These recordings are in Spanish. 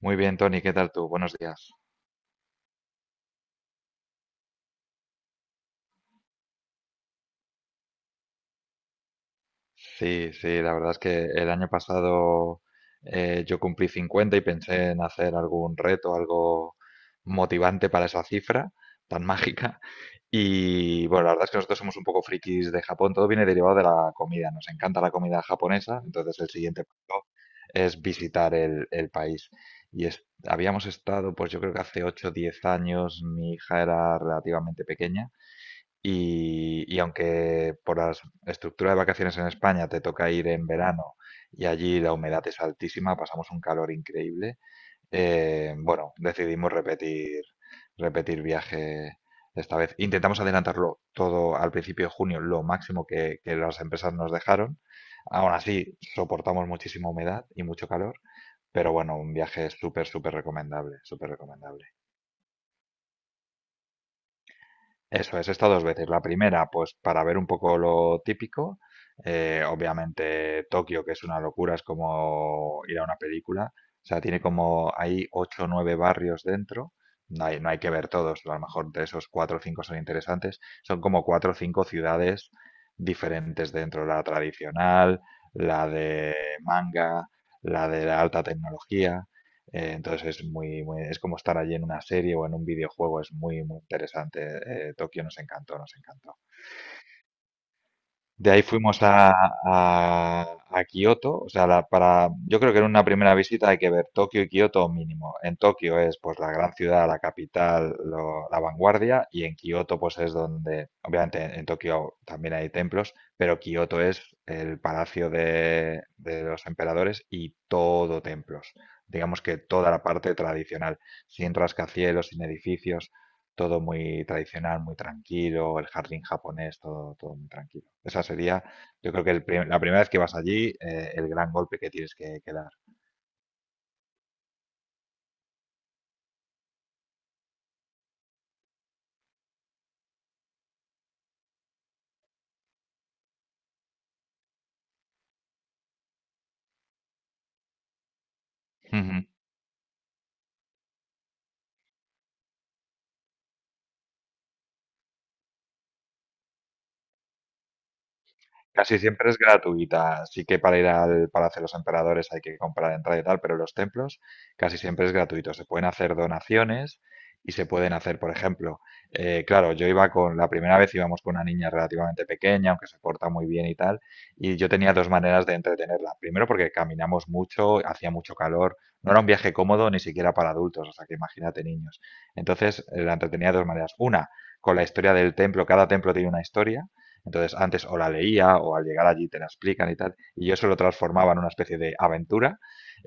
Muy bien, Tony, ¿qué tal tú? Buenos días. Sí, sí, la verdad es que el año pasado yo cumplí 50 y pensé en hacer algún reto, algo motivante para esa cifra tan mágica. Y bueno, la verdad es que nosotros somos un poco frikis de Japón, todo viene derivado de la comida, nos encanta la comida japonesa, entonces el siguiente paso es visitar el país. Habíamos estado, pues yo creo que hace 8 o 10 años, mi hija era relativamente pequeña. Y aunque por la estructura de vacaciones en España te toca ir en verano y allí la humedad es altísima, pasamos un calor increíble. Bueno, decidimos repetir, viaje esta vez. Intentamos adelantarlo todo al principio de junio, lo máximo que, las empresas nos dejaron. Aún así, soportamos muchísima humedad y mucho calor, pero bueno, un viaje súper, súper recomendable, súper recomendable. Eso es, he dos veces. La primera, pues para ver un poco lo típico. Obviamente Tokio, que es una locura, es como ir a una película. O sea, tiene como, hay ocho o nueve barrios dentro. No hay que ver todos, a lo mejor de esos cuatro o cinco son interesantes. Son como cuatro o cinco ciudades diferentes dentro. La tradicional, la de manga, la de la alta tecnología. Entonces es como estar allí en una serie o en un videojuego, es muy, muy interesante. Tokio nos encantó, nos encantó. De ahí fuimos a Kioto. O sea, para, yo creo que en una primera visita hay que ver Tokio y Kioto mínimo. En Tokio es pues la gran ciudad, la capital, la vanguardia, y en Kioto pues es donde, obviamente Tokio también hay templos, pero Kioto es el palacio de los emperadores y todo templos. Digamos que toda la parte tradicional, sin rascacielos, sin edificios, todo muy tradicional, muy tranquilo, el jardín japonés, todo, todo muy tranquilo. Esa sería, yo creo que la primera vez que vas allí, el gran golpe que tienes que, dar. Casi siempre es gratuita, sí que para ir al Palacio de los Emperadores hay que comprar entrada y tal, pero los templos casi siempre es gratuito. Se pueden hacer donaciones y se pueden hacer, por ejemplo, claro, yo iba con, la primera vez íbamos con una niña relativamente pequeña, aunque se porta muy bien y tal, y yo tenía dos maneras de entretenerla. Primero porque caminamos mucho, hacía mucho calor, no era un viaje cómodo ni siquiera para adultos, o sea que imagínate niños. Entonces la entretenía de dos maneras. Una, con la historia del templo, cada templo tiene una historia, entonces, antes o la leía o al llegar allí te la explican y tal, y yo eso lo transformaba en una especie de aventura,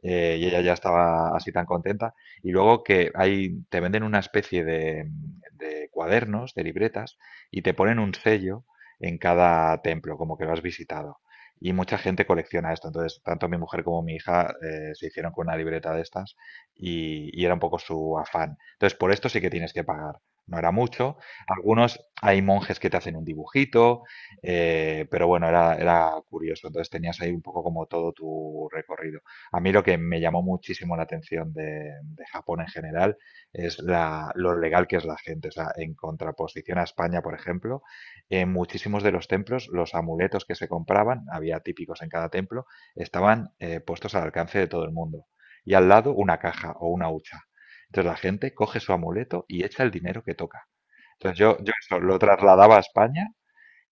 y ella ya estaba así tan contenta. Y luego que ahí te venden una especie de cuadernos, de libretas, y te ponen un sello en cada templo, como que lo has visitado. Y mucha gente colecciona esto. Entonces, tanto mi mujer como mi hija se hicieron con una libreta de estas y era un poco su afán. Entonces, por esto sí que tienes que pagar. No era mucho. Algunos hay monjes que te hacen un dibujito, pero bueno, era, era curioso. Entonces tenías ahí un poco como todo tu recorrido. A mí lo que me llamó muchísimo la atención de Japón en general es la, lo legal que es la gente. O sea, en contraposición a España, por ejemplo, en muchísimos de los templos, los amuletos que se compraban, había típicos en cada templo, estaban puestos al alcance de todo el mundo. Y al lado una caja o una hucha. Entonces la gente coge su amuleto y echa el dinero que toca. Entonces yo eso lo trasladaba a España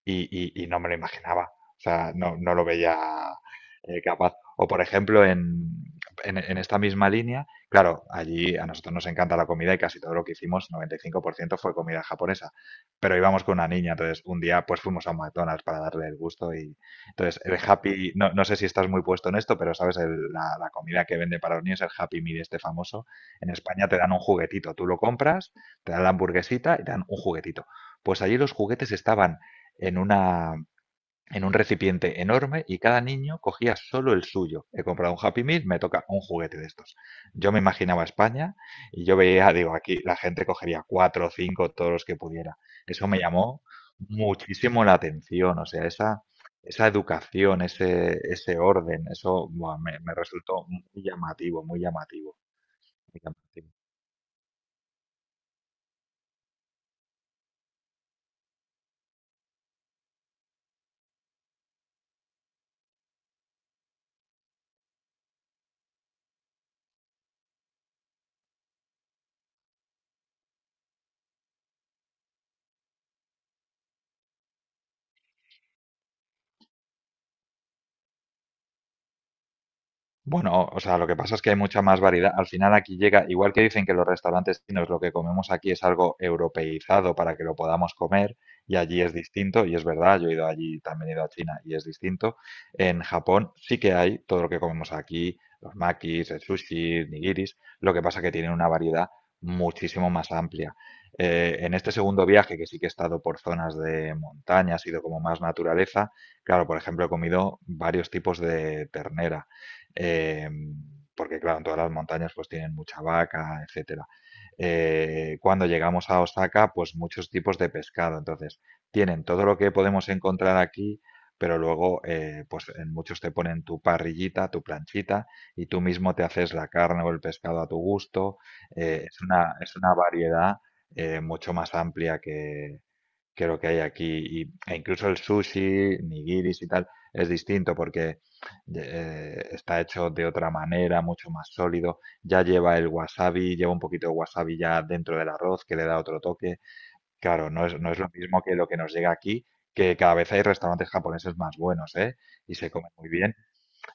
y no me lo imaginaba. O sea, no, no lo veía capaz. O por ejemplo, en esta misma línea, claro, allí a nosotros nos encanta la comida y casi todo lo que hicimos, 95% fue comida japonesa. Pero íbamos con una niña, entonces un día pues fuimos a un McDonald's para darle el gusto y entonces el Happy, no, no sé si estás muy puesto en esto, pero sabes, la comida que vende para los niños, el Happy Meal este famoso, en España te dan un juguetito, tú lo compras, te dan la hamburguesita y te dan un juguetito. Pues allí los juguetes estaban en, una, en un recipiente enorme y cada niño cogía solo el suyo. He comprado un Happy Meal, me toca un juguete de estos. Yo me imaginaba España y yo veía, digo, aquí la gente cogería cuatro o cinco, todos los que pudiera. Eso me llamó muchísimo la atención. O sea, esa educación, ese orden, eso buah, me resultó muy llamativo, muy llamativo, muy llamativo. Bueno, o sea, lo que pasa es que hay mucha más variedad. Al final aquí llega, igual que dicen que los restaurantes chinos lo que comemos aquí es algo europeizado para que lo podamos comer, y allí es distinto, y es verdad, yo he ido allí, también he ido a China y es distinto. En Japón sí que hay todo lo que comemos aquí, los makis, el sushi, nigiris, lo que pasa que tienen una variedad muchísimo más amplia. En este segundo viaje, que sí que he estado por zonas de montaña, ha sido como más naturaleza, claro, por ejemplo, he comido varios tipos de ternera, eh, porque claro, en todas las montañas pues tienen mucha vaca, etcétera. Cuando llegamos a Osaka, pues muchos tipos de pescado. Entonces, tienen todo lo que podemos encontrar aquí, pero luego, pues en muchos te ponen tu parrillita, tu planchita, y tú mismo te haces la carne o el pescado a tu gusto. Es una variedad mucho más amplia que, lo que hay aquí. E incluso el sushi, nigiris y tal, es distinto porque está hecho de otra manera, mucho más sólido. Ya lleva el wasabi, lleva un poquito de wasabi ya dentro del arroz que le da otro toque. Claro, no es, no es lo mismo que lo que nos llega aquí, que cada vez hay restaurantes japoneses más buenos, ¿eh? Y se comen muy bien.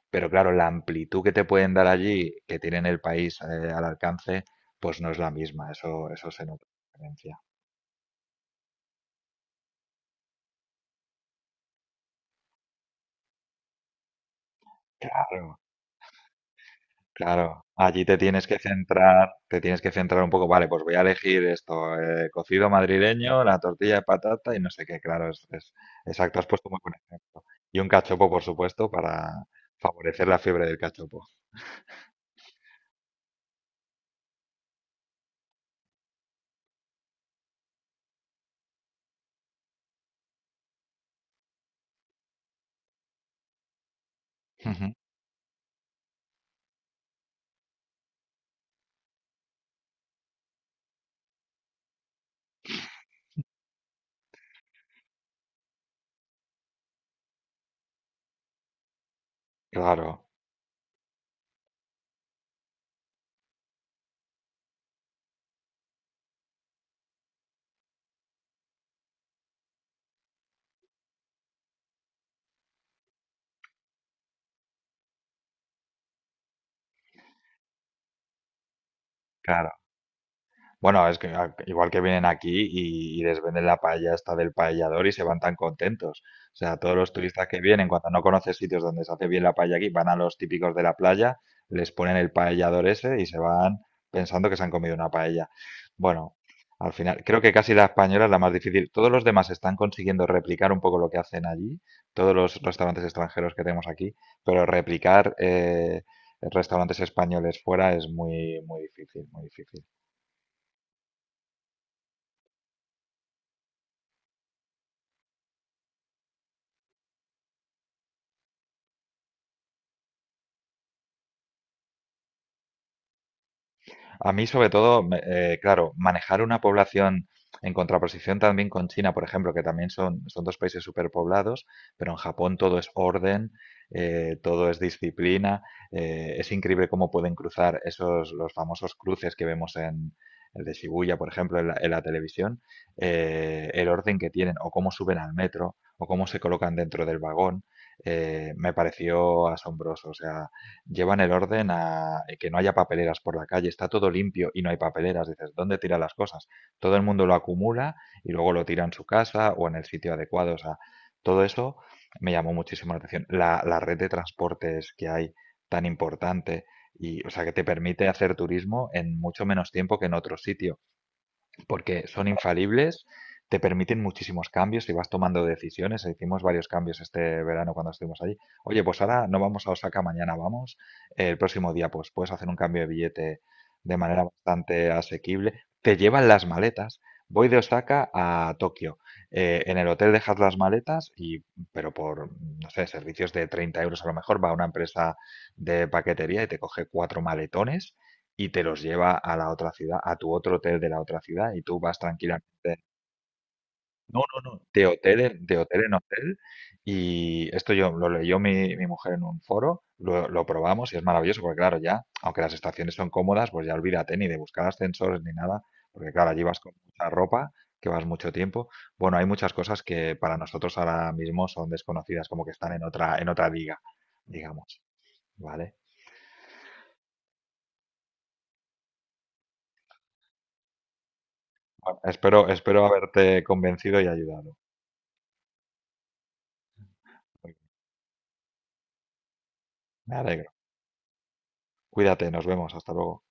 Pero claro, la amplitud que te pueden dar allí, que tienen el país al alcance, pues no es la misma. Eso se nota. La diferencia. Claro, claro, allí te tienes que centrar, te tienes que centrar un poco, vale, pues voy a elegir esto, cocido madrileño, la tortilla de patata y no sé qué, claro, exacto, has puesto muy buen ejemplo. Y un cachopo, por supuesto, para favorecer la fiebre del cachopo. Ujú. Claro, claro. Bueno, es que igual que vienen aquí y les venden la paella esta del paellador y se van tan contentos. O sea, todos los turistas que vienen, cuando no conocen sitios donde se hace bien la paella aquí, van a los típicos de la playa, les ponen el paellador ese y se van pensando que se han comido una paella. Bueno, al final, creo que casi la española es la más difícil. Todos los demás están consiguiendo replicar un poco lo que hacen allí, todos los restaurantes extranjeros que tenemos aquí, pero replicar restaurantes españoles fuera es muy, muy difícil, muy difícil. A mí, sobre todo, claro, manejar una población en contraposición también con China, por ejemplo, que también son, son dos países superpoblados, pero en Japón todo es orden, todo es disciplina. Es increíble cómo pueden cruzar esos, los famosos cruces que vemos en el de Shibuya, por ejemplo, en la televisión, el orden que tienen, o cómo suben al metro, o cómo se colocan dentro del vagón, me pareció asombroso. O sea, llevan el orden a que no haya papeleras por la calle, está todo limpio y no hay papeleras, dices, ¿dónde tiran las cosas? Todo el mundo lo acumula y luego lo tira en su casa o en el sitio adecuado, o sea, todo eso me llamó muchísimo la atención. La red de transportes que hay tan importante y, o sea, que te permite hacer turismo en mucho menos tiempo que en otro sitio porque son infalibles, te permiten muchísimos cambios y vas tomando decisiones. Hicimos varios cambios este verano cuando estuvimos allí. Oye, pues ahora no vamos a Osaka, mañana vamos. El próximo día, pues puedes hacer un cambio de billete de manera bastante asequible. Te llevan las maletas. Voy de Osaka a Tokio. En el hotel dejas las maletas y, pero por, no sé, servicios de 30 € a lo mejor va a una empresa de paquetería y te coge cuatro maletones y te los lleva a la otra ciudad, a tu otro hotel de la otra ciudad, y tú vas tranquilamente. No, no, no, de hotel de hotel, en hotel. Y esto yo lo leyó mi mujer en un foro, lo probamos y es maravilloso, porque claro, ya, aunque las estaciones son cómodas, pues ya olvídate ni de buscar ascensores ni nada, porque claro, allí vas con mucha ropa, que vas mucho tiempo. Bueno, hay muchas cosas que para nosotros ahora mismo son desconocidas, como que están en otra liga, digamos, ¿vale? Bueno, espero, haberte convencido y ayudado. Me alegro. Cuídate, nos vemos, hasta luego.